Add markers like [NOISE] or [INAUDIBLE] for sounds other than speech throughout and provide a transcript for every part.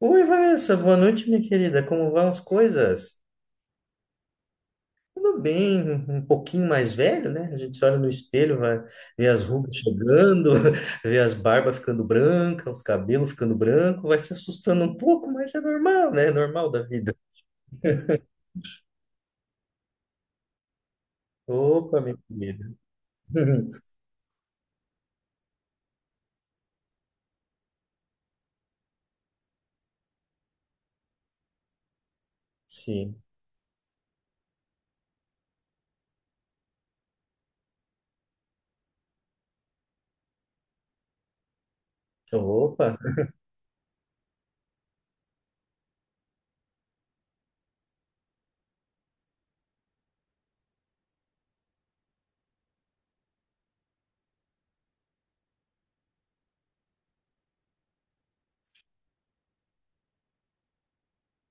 Oi, Vanessa, boa noite, minha querida. Como vão as coisas? Tudo bem, um pouquinho mais velho, né? A gente se olha no espelho, vai ver as rugas chegando, [LAUGHS] vê as barbas ficando brancas, os cabelos ficando branco. Vai se assustando um pouco, mas é normal, né? É normal da vida. Opa, minha querida. [LAUGHS] Sim. Opa,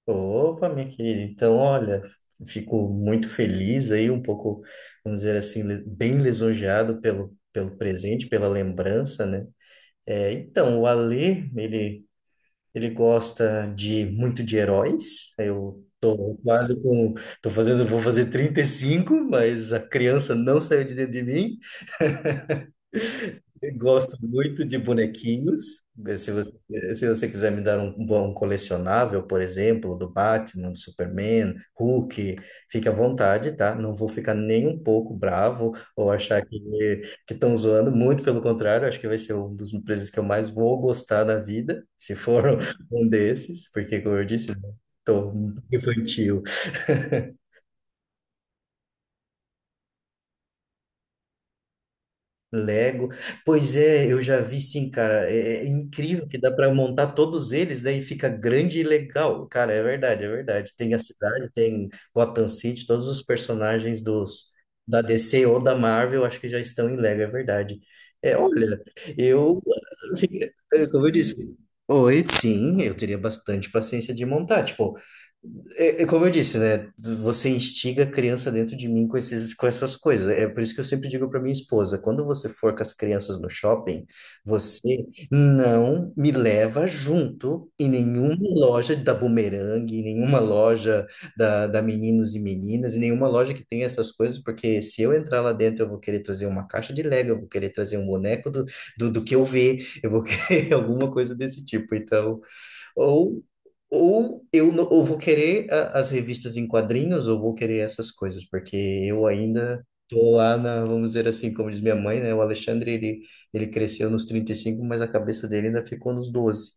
opa, minha querida. Então, olha, fico muito feliz aí, um pouco, vamos dizer assim, bem lisonjeado pelo presente, pela lembrança, né? É, então, ele gosta de muito de heróis. Eu tô quase com, Tô fazendo, vou fazer 35 mas a criança não saiu de dentro de mim. Eu gosto muito de bonequinhos. Se você, se você quiser me dar um bom colecionável, por exemplo, do Batman, do Superman, Hulk, fique à vontade, tá? Não vou ficar nem um pouco bravo ou achar que estão zoando. Muito pelo contrário, acho que vai ser um dos presentes que eu mais vou gostar da vida, se for [LAUGHS] um desses, porque, como eu disse, estou infantil. Lego. Pois é, eu já vi sim, cara. É incrível que dá para montar todos eles, daí fica grande e legal. Cara, é verdade. Tem a cidade, tem Gotham City, todos os personagens dos da DC ou da Marvel, acho que já estão em Lego, é verdade. É, olha, eu, fiquei- como eu disse, Oi, sim, eu teria bastante paciência de montar. Tipo, é como eu disse, né? Você instiga a criança dentro de mim com essas coisas. É por isso que eu sempre digo para minha esposa, quando você for com as crianças no shopping, você não me leva junto em nenhuma loja da Bumerangue, em nenhuma loja da Meninos e Meninas, em nenhuma loja que tenha essas coisas, porque se eu entrar lá dentro, eu vou querer trazer uma caixa de Lego, eu vou querer trazer um boneco do que eu ver, eu vou querer [LAUGHS] alguma coisa desse tipo. Então, ou, ou eu não, ou vou querer as revistas em quadrinhos, ou vou querer essas coisas, porque eu ainda tô lá na, vamos dizer assim, como diz minha mãe, né? Ele cresceu nos 35 mas a cabeça dele ainda ficou nos doze.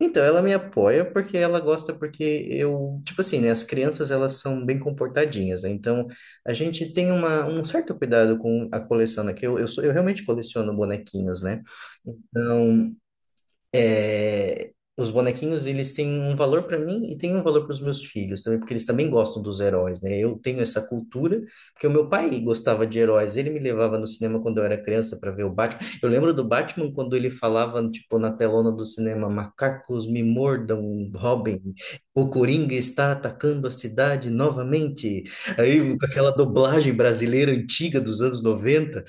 Então, ela me apoia porque ela gosta, porque eu, tipo assim, né? As crianças, elas são bem comportadinhas, né? Então, a gente tem um certo cuidado com a coleção, né? Que eu realmente coleciono bonequinhos, né? Então é, os bonequinhos eles têm um valor para mim e têm um valor para os meus filhos também, porque eles também gostam dos heróis, né? Eu tenho essa cultura, porque o meu pai gostava de heróis, ele me levava no cinema quando eu era criança para ver o Batman. Eu lembro do Batman quando ele falava, tipo, na telona do cinema, macacos me mordam, Robin, o Coringa está atacando a cidade novamente. Aí, com aquela dublagem brasileira antiga dos anos noventa.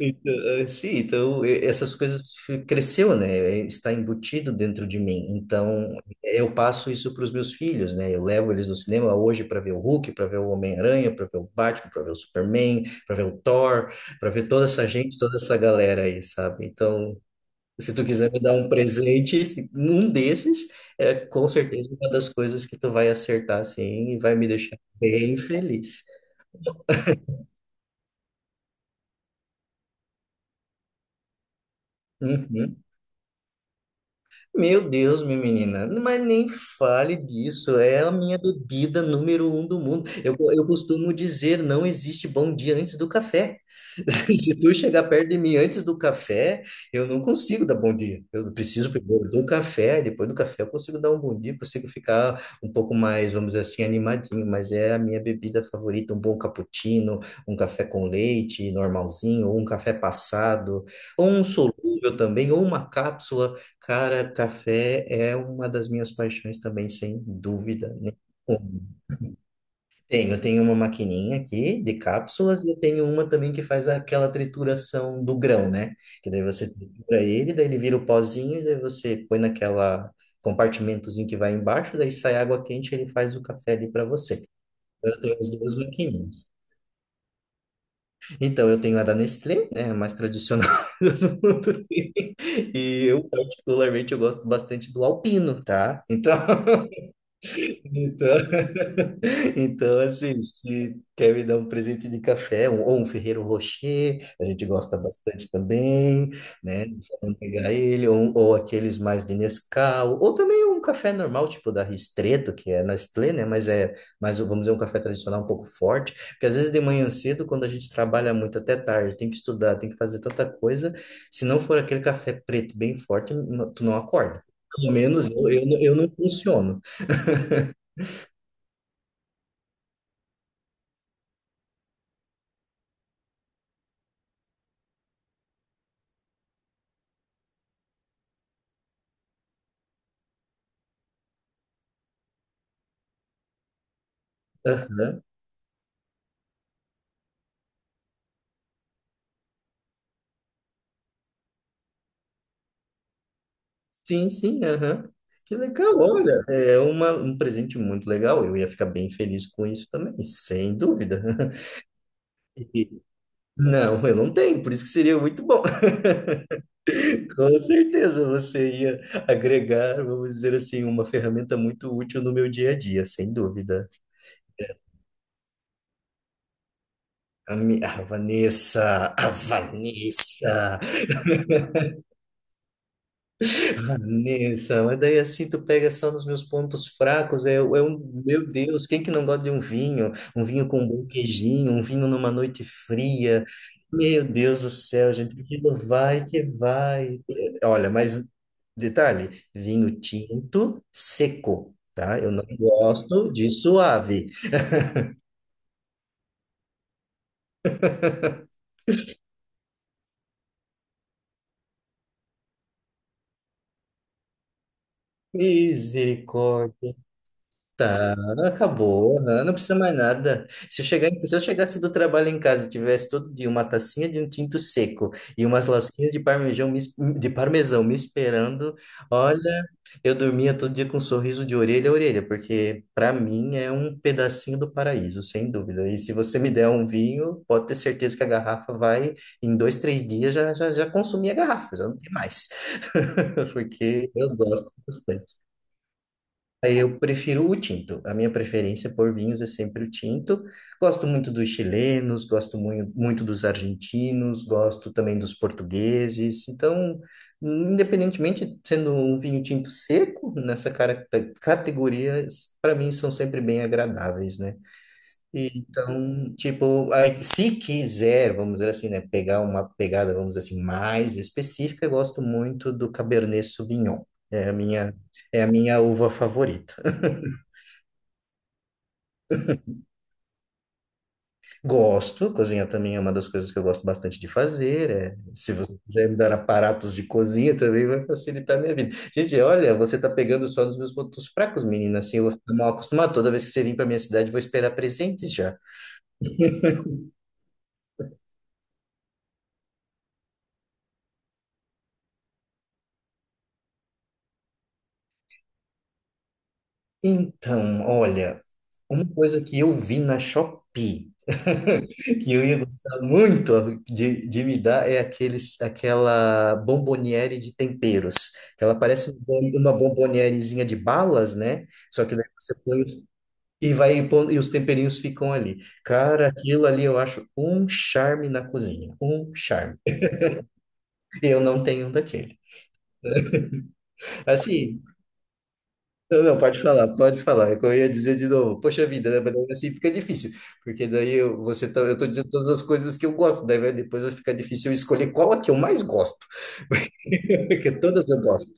Então, sim, então essas coisas cresceu, né? Está embutido dentro de mim. Então eu passo isso para os meus filhos, né? Eu levo eles no cinema hoje para ver o Hulk, para ver o Homem-Aranha, para ver o Batman, para ver o Superman, para ver o Thor, para ver toda essa gente, toda essa galera aí, sabe? Então, se tu quiser me dar um presente, um desses é com certeza uma das coisas que tu vai acertar assim e vai me deixar bem feliz. Uhum. Meu Deus, minha menina, mas nem fale disso, é a minha bebida número um do mundo. Eu costumo dizer, não existe bom dia antes do café. [LAUGHS] Se tu chegar perto de mim antes do café, eu não consigo dar bom dia. Eu preciso primeiro do café, e depois do café eu consigo dar um bom dia, consigo ficar um pouco mais, vamos dizer assim, animadinho, mas é a minha bebida favorita, um bom cappuccino, um café com leite normalzinho, ou um café passado, ou um solúvel também, ou uma cápsula. Cara, café é uma das minhas paixões também, sem dúvida nenhuma. Tenho, eu tenho uma maquininha aqui de cápsulas e eu tenho uma também que faz aquela trituração do grão, né? Que daí você tritura ele, daí ele vira o pozinho e daí você põe naquela compartimentozinho que vai embaixo, daí sai água quente e ele faz o café ali para você. Então, eu tenho as duas maquininhas. Então, eu tenho a da Nestlé, né, a mais tradicional [LAUGHS] do mundo. E eu, particularmente, eu gosto bastante do Alpino, tá? Então, [LAUGHS] então [LAUGHS] então assim, se quer me dar um presente de café, ou um Ferreiro Rocher, a gente gosta bastante também, né? Vamos pegar ele, ou aqueles mais de Nescau, ou também um café normal, tipo da Ristretto, que é Nestlé, né? Mas vamos dizer, um café tradicional um pouco forte, porque às vezes de manhã cedo, quando a gente trabalha muito até tarde, tem que estudar, tem que fazer tanta coisa, se não for aquele café preto bem forte, tu não acorda. Pelo menos eu não funciono. Aham. Sim, aham. Que legal, olha, é um presente muito legal. Eu ia ficar bem feliz com isso também, sem dúvida. [LAUGHS] E- Não, eu não tenho, por isso que seria muito bom. [LAUGHS] Com certeza você ia agregar, vamos dizer assim, uma ferramenta muito útil no meu dia a dia, sem dúvida. A Vanessa. Vanessa, mas daí assim tu pega só nos meus pontos fracos, meu Deus, quem que não gosta de um vinho? Um vinho com um bom queijinho, um vinho numa noite fria. Meu Deus do céu, gente, aquilo vai que vai. É, olha, mas detalhe, vinho tinto seco, tá? Eu não gosto de suave. Misericórdia. Tá, acabou, não. Não precisa mais nada. Se eu chegasse do trabalho em casa e tivesse todo dia uma tacinha de um tinto seco e umas lasquinhas de parmesão de parmesão me esperando, olha, eu dormia todo dia com um sorriso de orelha a orelha, porque para mim é um pedacinho do paraíso, sem dúvida. E se você me der um vinho, pode ter certeza que a garrafa vai, em dois, três dias, já consumi a garrafa, já não tem mais. [LAUGHS] Porque eu gosto bastante. Aí eu prefiro o tinto. A minha preferência por vinhos é sempre o tinto. Gosto muito dos chilenos, muito dos argentinos, gosto também dos portugueses. Então, independentemente sendo um vinho tinto seco, categoria, para mim são sempre bem agradáveis, né? Então, tipo, aí, se quiser, vamos dizer assim, né, pegar uma pegada, vamos dizer assim, mais específica, eu gosto muito do Cabernet Sauvignon. É a minha, é a minha uva favorita. Gosto, cozinhar também é uma das coisas que eu gosto bastante de fazer. É. Se você quiser me dar aparatos de cozinha, também vai facilitar a minha vida. Gente, olha, você está pegando só nos meus pontos fracos, menina. Assim, eu vou ficar mal acostumado. Toda vez que você vir para minha cidade, eu vou esperar presentes já. Então, olha, uma coisa que eu vi na Shopee, [LAUGHS] que eu ia gostar muito de me dar, é aquela bomboniere de temperos. Que ela parece uma bombonierezinha de balas, né? Só que daí você põe os E vai impondo, e os temperinhos ficam ali. Cara, aquilo ali eu acho um charme na cozinha, um charme. Eu não tenho um daquele. Assim, não, pode falar, pode falar. Eu ia dizer de novo, poxa vida, né? Mas daí assim fica difícil, porque daí eu, você tá, eu tô dizendo todas as coisas que eu gosto, daí vai, depois vai ficar difícil eu escolher qual a que eu mais gosto, [LAUGHS] porque todas eu gosto.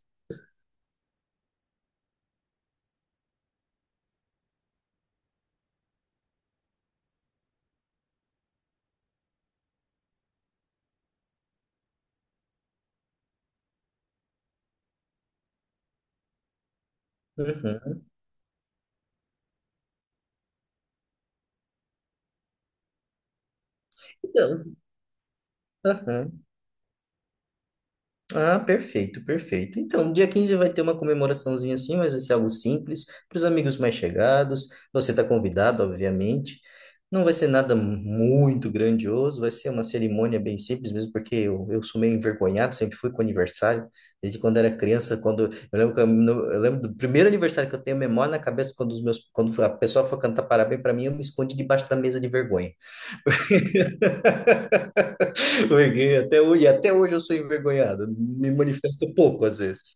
Uhum. Então, aham. Ah, perfeito. Então, dia 15 vai ter uma comemoraçãozinha assim, mas vai ser algo simples, para os amigos mais chegados. Você está convidado, obviamente. Não vai ser nada muito grandioso, vai ser uma cerimônia bem simples mesmo, porque eu sou meio envergonhado, sempre fui com aniversário, desde quando era criança, quando eu lembro, que eu, no- eu lembro do primeiro aniversário que eu tenho memória na cabeça, quando a pessoa foi cantar parabéns para mim, eu me escondi debaixo da mesa de vergonha. Peguei até hoje, e até hoje eu sou envergonhado, me manifesto pouco às vezes.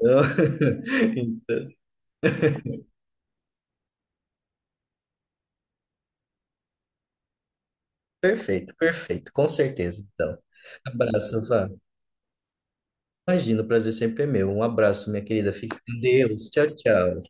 Então, [LAUGHS] então, perfeito, com certeza. Então, abraço, Vá. Imagina, o prazer sempre é meu. Um abraço, minha querida. Fique com Deus. Tchau, tchau.